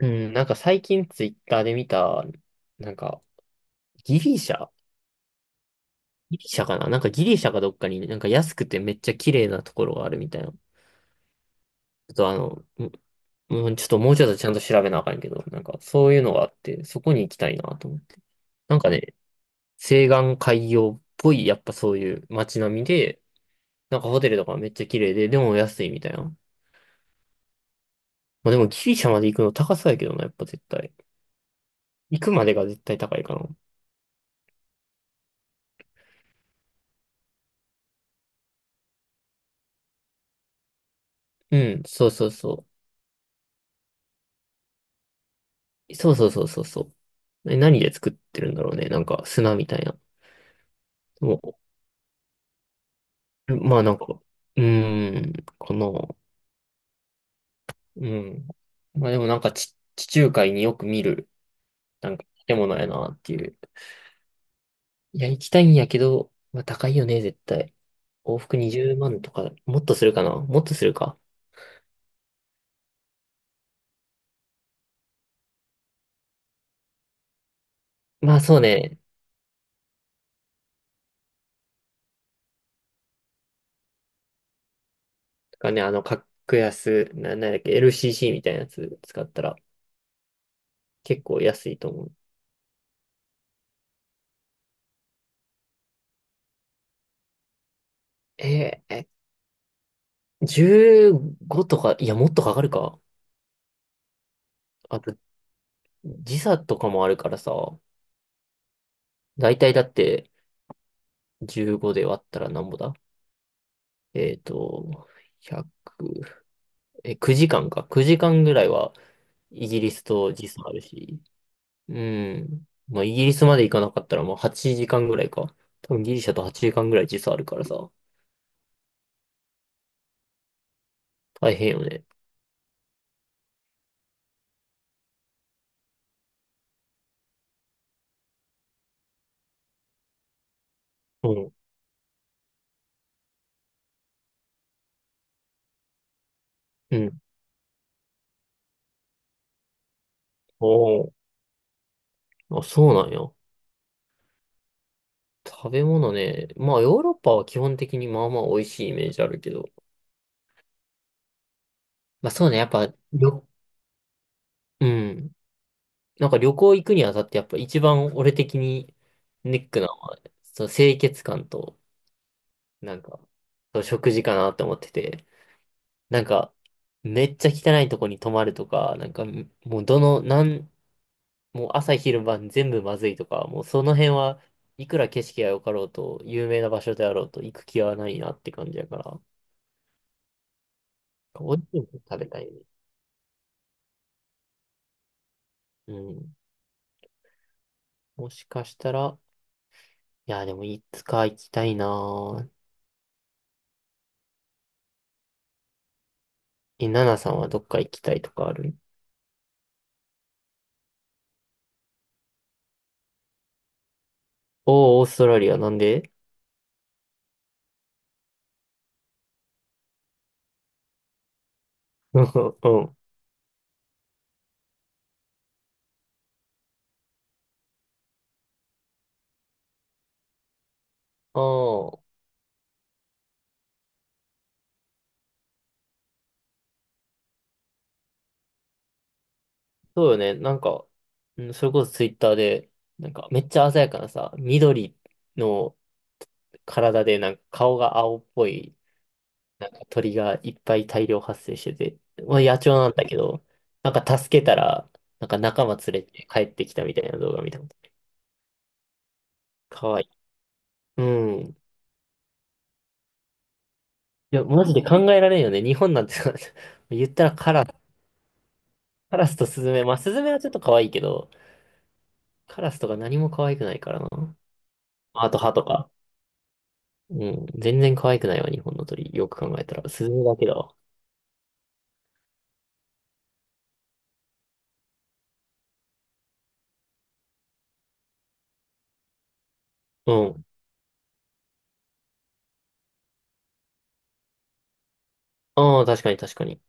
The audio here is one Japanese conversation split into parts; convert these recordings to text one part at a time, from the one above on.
うん、なんか最近ツイッターで見た。なんかギリシャギリシャかな、なんかギリシャかどっかになんか安くてめっちゃ綺麗なところがあるみたいな。ちょっとあの、もうんちょっともうちょっとちゃんと調べなあかんけど、なんかそういうのがあって、そこに行きたいなと思って。なんかね、西岸海洋っぽい、やっぱそういう街並みで、なんかホテルとかめっちゃ綺麗で、でも安いみたいな。まあでもギリシャまで行くの高そうやけどな、やっぱ絶対。行くまでが絶対高いかな。うん、そうそうそう。そうそうそうそうそう。え、何で作ってるんだろうね。なんか砂みたいな。もまあなんか、うーん、かな。うん。まあでもなんか地中海によく見る、なんか建物やなっていう。いや、行きたいんやけど、まあ高いよね、絶対。往復20万とか、もっとするか。まあそうね。とかね、格安、なんだっけ、LCC みたいなやつ使ったら結構安いと思う。えーえ、15とか、いや、もっとかかるか。あと、時差とかもあるからさ、だいたいだって15で割ったらなんぼだ。えっと、100、9時間か。9時間ぐらいはイギリスと時差あるし、うん。まあ、イギリスまで行かなかったらもう8時間ぐらいか。多分ギリシャと8時間ぐらい時差あるからさ、大変よね。うん。うん。おー、あ、そうなんや。食べ物ね。まあ、ヨーロッパは基本的にまあまあ美味しいイメージあるけど。まあそうね、やっぱ、よ、うん。なんか旅行行くにあたってやっぱ一番俺的にネックなのは、その清潔感と、なんか、その食事かなって思ってて、なんか、めっちゃ汚いとこに泊まるとか、なんか、もうどの、なん、もう朝昼晩全部まずいとか、もうその辺はいくら景色が良かろうと、有名な場所であろうと行く気はないなって感じやから、美味しいもの食べたいね。うん。もしかしたら、いや、でもいつか行きたいなぁ。え、ナナさんはどっか行きたいとかある？おー、オーストラリア、なんで？ うん。ああ、そうよね。なんか、うん、それこそツイッターで、なんかめっちゃ鮮やかなさ、緑の体で、なんか顔が青っぽい、なんか鳥がいっぱい大量発生してて、まあ野鳥なんだけど、なんか助けたら、なんか仲間連れて帰ってきたみたいな動画見たこと。かわいい。うん。いや、マジで考えられんよね。日本なんてさ 言ったらカラスとスズメ。まあ、スズメはちょっと可愛いけど、カラスとか何も可愛くないからな。あと歯とか。うん。全然可愛くないわ、日本の鳥。よく考えたら。スズだけだわ。うん。ああ、確かに確かに。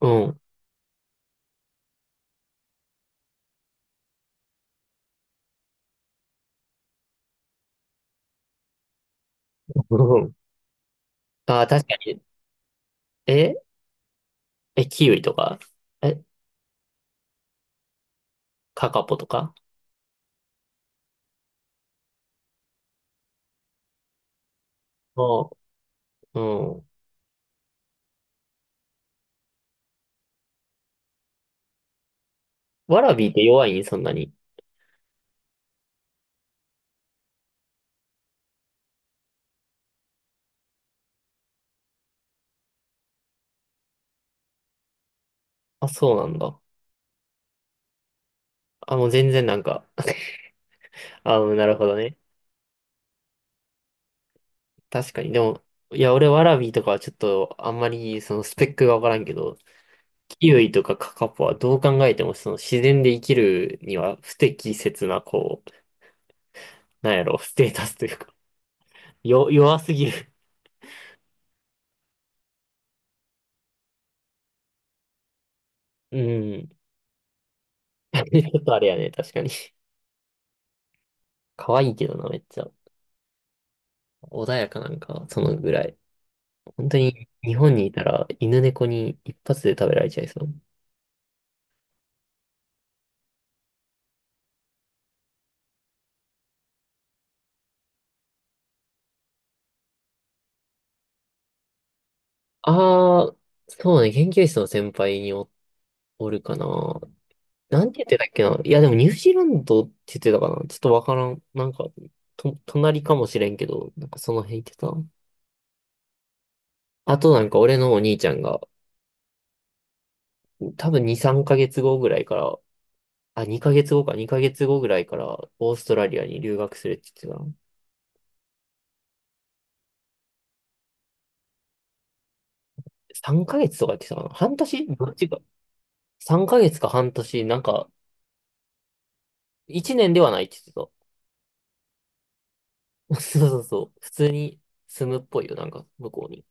うん。うん。ああ、確かに。ええ、キウイとか。え、カカポとか。ああ、うん。ワラビーって弱いんそんなに？あ、そうなんだ。あ、もう全然なんか あ、なるほどね。確かに。でも、いや、俺ワラビーとかはちょっとあんまりそのスペックがわからんけど、キウイとかカカポはどう考えてもその自然で生きるには不適切なこう、なんやろ、ステータスというか、弱すぎる。うん。ちょっとあれやね、確かに。可愛いけどな、めっちゃ。穏やかなんか、そのぐらい。本当に、日本にいたら、犬猫に一発で食べられちゃいそう。ああ、そうね、研究室の先輩におるかな。なんて言ってたっけな。いや、でもニュージーランドって言ってたかな。ちょっとわからん。なんか、隣かもしれんけど、なんかその辺言ってた。あとなんか俺のお兄ちゃんが、多分2、3ヶ月後ぐらいから、あ、2ヶ月後か、2ヶ月後ぐらいからオーストラリアに留学するって言ってたな。3ヶ月とか言ってたかな。半年どっちか。3ヶ月か半年、なんか、1年ではないって言ってた。そうそうそう。普通に住むっぽいよ、なんか、向こうに。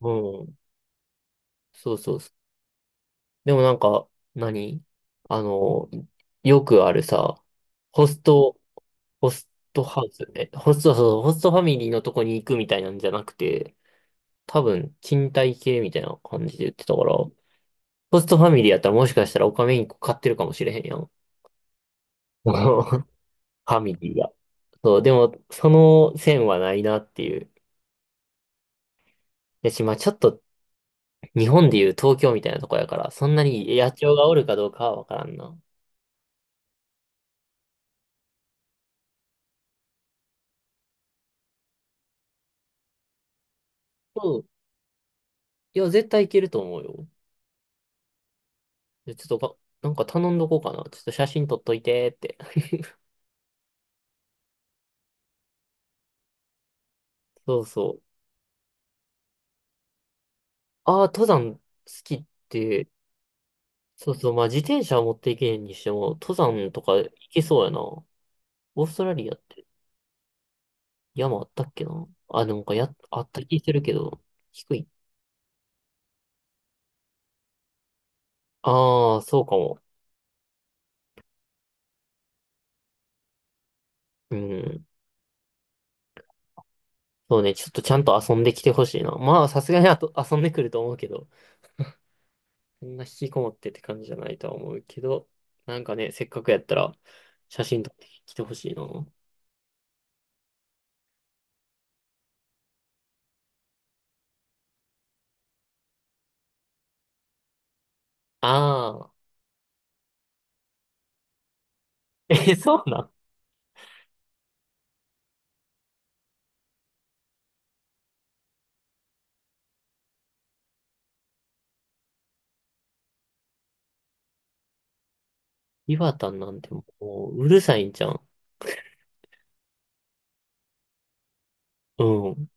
うん。そうそうそう。でもなんか、何あの、よくあるさ、ホスト、ホストハウスね。ホスト、そう、ホストファミリーのとこに行くみたいなんじゃなくて、多分、賃貸系みたいな感じで言ってたから、ホストファミリーやったらもしかしたらオカメインコ飼ってるかもしれへんやん。ファミリーが。そう、でも、その線はないなっていう。やし、まあちょっと日本でいう東京みたいなとこやから、そんなに野鳥がおるかどうかはわからんな。うん。いや、絶対いけると思うよ。でちょっとか、なんか頼んどこうかな。ちょっと写真撮っといてって。そうそう。ああ、登山好きって、そうそう、まあ自転車は持っていけんにしても、登山とか行けそうやな。オーストラリアって。山あったっけなあ、でもか、や、あった気するけど、低い。ああ、そうかも。うん。そうね、ちょっとちゃんと遊んできてほしいな。まあ、さすがにあと遊んでくると思うけど、そんな引きこもってって感じじゃないとは思うけど、なんかね、せっかくやったら、写真撮ってきてほしいな。ああ、そうなん。岩田なんてもう、うるさいんじゃん。うん。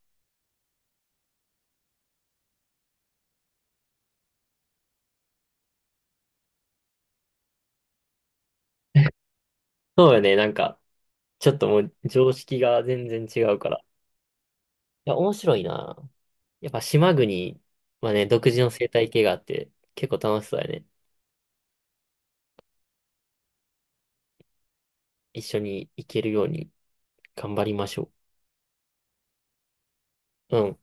そうよね、なんか、ちょっともう常識が全然違うから。いや、面白いな。やっぱ島国はね、独自の生態系があって、結構楽しそうやね。一緒に行けるように頑張りましょう。うん。